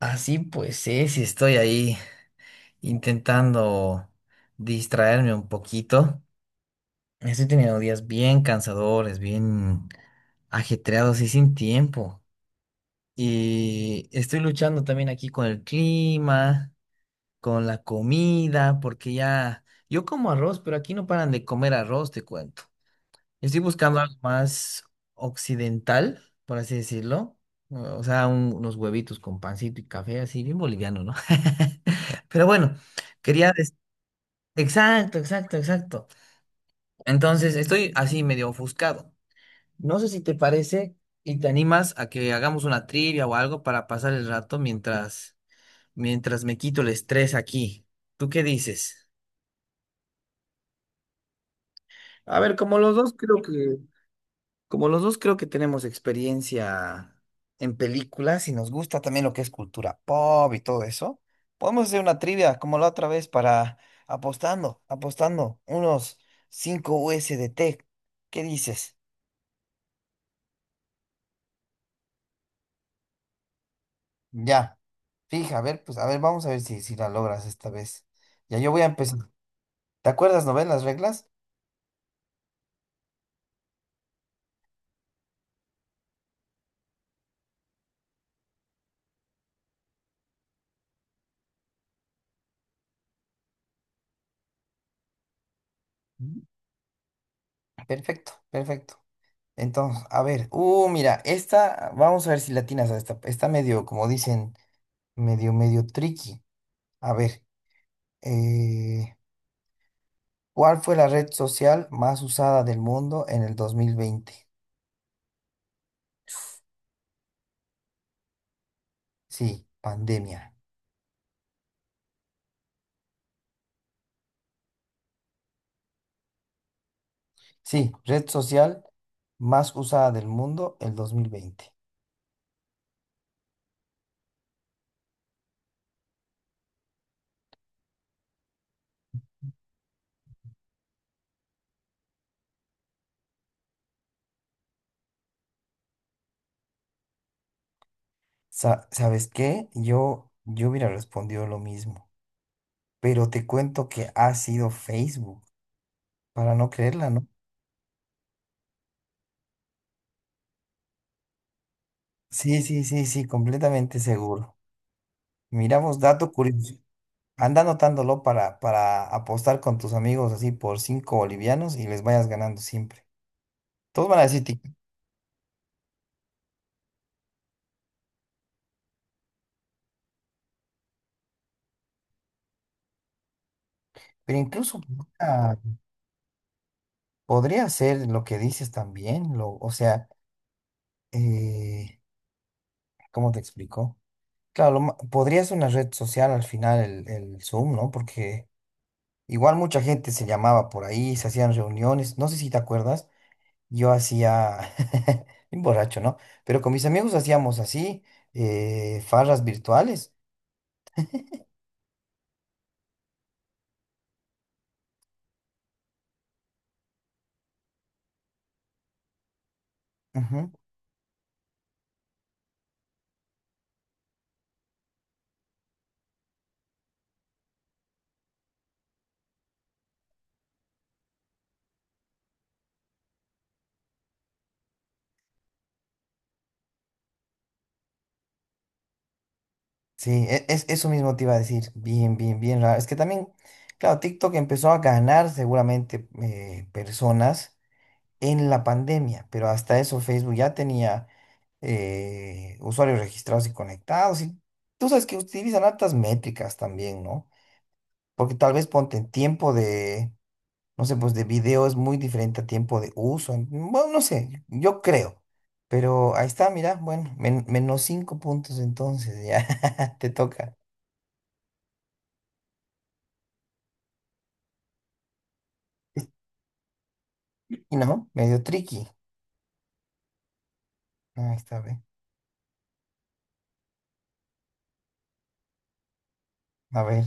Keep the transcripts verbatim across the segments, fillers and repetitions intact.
Así pues sí y estoy ahí intentando distraerme un poquito. Estoy teniendo días bien cansadores, bien ajetreados y sin tiempo. Y estoy luchando también aquí con el clima, con la comida, porque ya yo como arroz, pero aquí no paran de comer arroz, te cuento. Estoy buscando algo más occidental, por así decirlo. O sea, un- unos huevitos con pancito y café, así bien boliviano, ¿no? Pero bueno, quería... des- Exacto, exacto, exacto. Entonces, estoy así medio ofuscado. No sé si te parece y te animas a que hagamos una trivia o algo para pasar el rato mientras, mientras me quito el estrés aquí. ¿Tú qué dices? A ver, como los dos creo que... Como los dos creo que tenemos experiencia en películas y nos gusta también lo que es cultura pop y todo eso, podemos hacer una trivia como la otra vez para apostando, apostando unos cinco U S D T. ¿Qué dices? Ya. Fija, a ver, pues a ver, vamos a ver si, si la logras esta vez. Ya yo voy a empezar. ¿Te acuerdas, no ves las reglas? Ujú. Perfecto, perfecto. Entonces, a ver, uh, mira, esta, vamos a ver si latinas a esta. Está medio, como dicen, medio, medio tricky. A ver, eh, ¿cuál fue la red social más usada del mundo en el dos mil veinte? Sí, pandemia. Sí, red social más usada del mundo el dos mil veinte. Sa- ¿sabes qué? Yo, yo hubiera respondido lo mismo, pero te cuento que ha sido Facebook, para no creerla, ¿no? Sí, sí, sí, sí, completamente seguro. Miramos dato curioso. Anda anotándolo para, para apostar con tus amigos así por cinco bolivianos y les vayas ganando siempre. Todos van a decir TikTok, pero incluso podría, podría ser lo que dices también, lo, o sea, eh, ¿cómo te explico? Claro, lo ma- podría ser una red social al final el, el Zoom, ¿no? Porque igual mucha gente se llamaba por ahí, se hacían reuniones, no sé si te acuerdas, yo hacía, bien borracho, ¿no? Pero con mis amigos hacíamos así, eh, farras virtuales. Sí, e- es, eso mismo te iba a decir. Bien, bien, bien raro. Es que también, claro, TikTok empezó a ganar seguramente eh, personas en la pandemia, pero hasta eso Facebook ya tenía eh, usuarios registrados y conectados. Y tú sabes que utilizan altas métricas también, ¿no? Porque tal vez ponte en tiempo de, no sé, pues de video es muy diferente a tiempo de uso. en- Bueno, no sé, yo creo. Pero ahí está, mira, bueno, men- menos cinco puntos entonces, ya te toca. Y no, medio tricky. Ahí está, ve. A ver.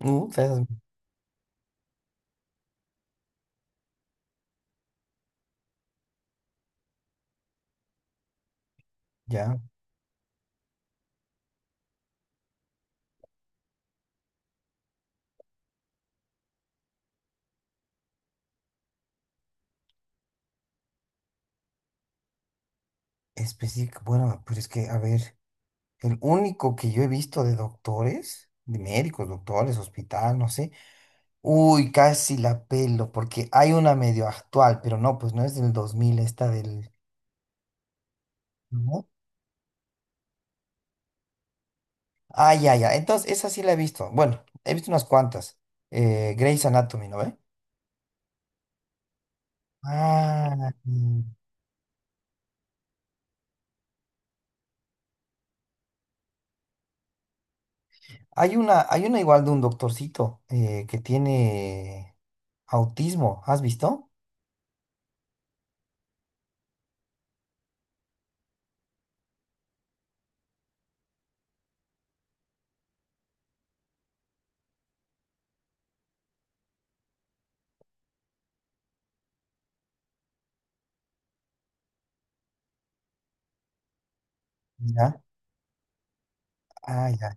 Mm, esas- ya. Específico. Bueno, pues es que, a ver, el único que yo he visto de doctores, de médicos, doctores, hospital, no sé. Uy, casi la pelo, porque hay una medio actual, pero no, pues no es del dos mil esta del... ¿no? Ah, ya, ya. Entonces, esa sí la he visto. Bueno, he visto unas cuantas. Eh, Grey's Anatomy, ¿no ve? Ah, mm. hay una, hay una igual de un doctorcito eh, que tiene. Autismo, ¿has visto? Ya, ah, ya,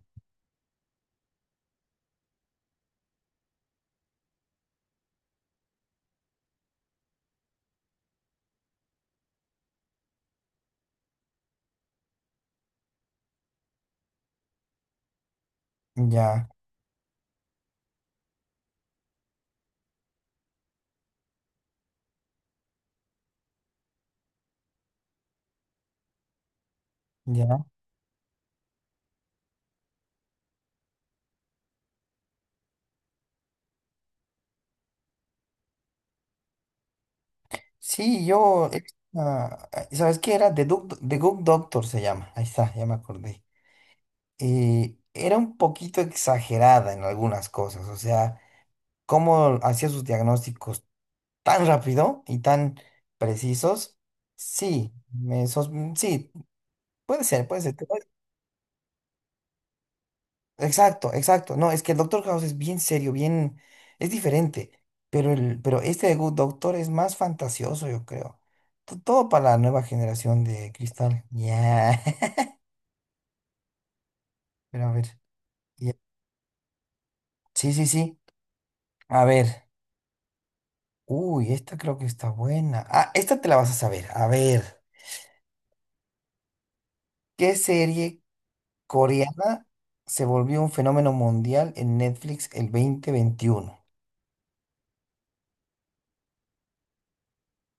ya, ya. Sí, yo, he visto una- ah, ¿sabes qué era? The Good, The Good Doctor se llama, ahí está, ya me acordé. Eh, era un poquito exagerada en algunas cosas, o sea, cómo hacía sus diagnósticos tan rápido y tan precisos. Sí, me sos- mm, sí, puede ser, puede ser. Exacto, exacto. No, es que el Doctor House es bien serio, bien, es diferente. Pero el, pero este de Good Doctor es más fantasioso, yo creo. To- Todo para la nueva generación de Cristal. Ya. Pero a ver. Ya. Sí, sí, sí. A ver. Uy, esta creo que está buena. Ah, esta te la vas a saber. A ver. ¿Qué serie coreana se volvió un fenómeno mundial en Netflix el dos mil veintiuno?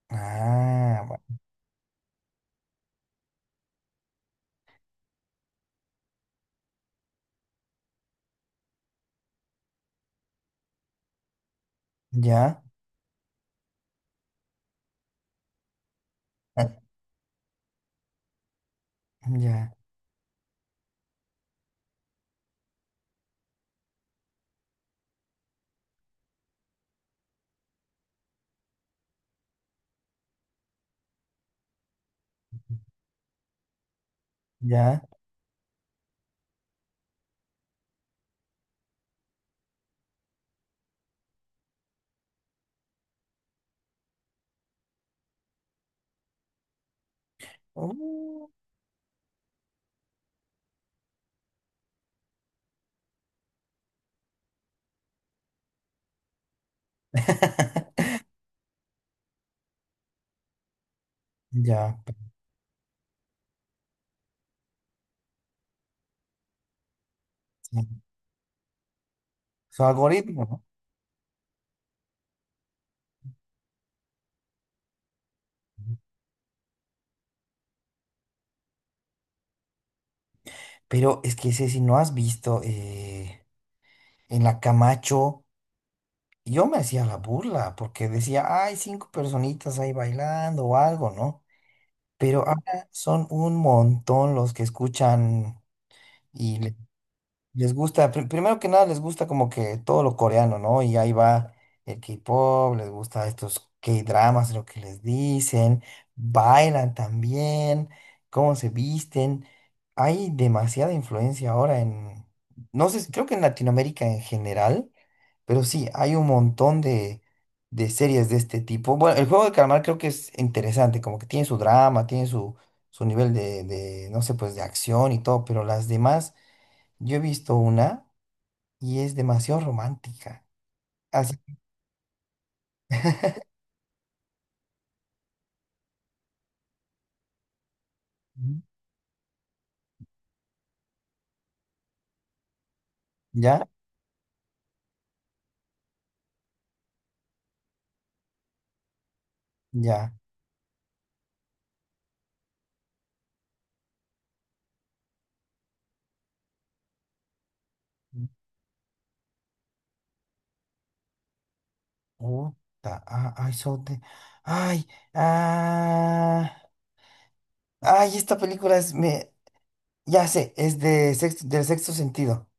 Ah, bueno, ya. Ya. Ya. Uh, Ya, pues, sí. Su algoritmo, ¿no? Pero es que ese si no has visto eh, en la Camacho, yo me hacía la burla porque decía, hay cinco personitas ahí bailando o algo, ¿no? Pero ahora son un montón los que escuchan y les gusta, pri- primero que nada, les gusta como que todo lo coreano, ¿no? Y ahí va el K-pop, les gusta estos K-dramas, lo que les dicen, bailan también, cómo se visten. Hay demasiada influencia ahora en, no sé, creo que en Latinoamérica en general, pero sí, hay un montón de, de, series de este tipo. Bueno, el juego de calamar creo que es interesante, como que tiene su drama, tiene su, su nivel de, de, no sé, pues de acción y todo, pero las demás. Yo he visto una y es demasiado romántica. Así, Ujú. Ya, ya. Puta, ah, ay, so te- ay, ah, ay, esta película es, me, ya sé, es de sexto, del sexto sentido.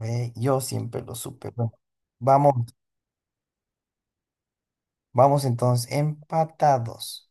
Ve, yo siempre lo supe. Bueno, vamos, vamos, entonces, empatados.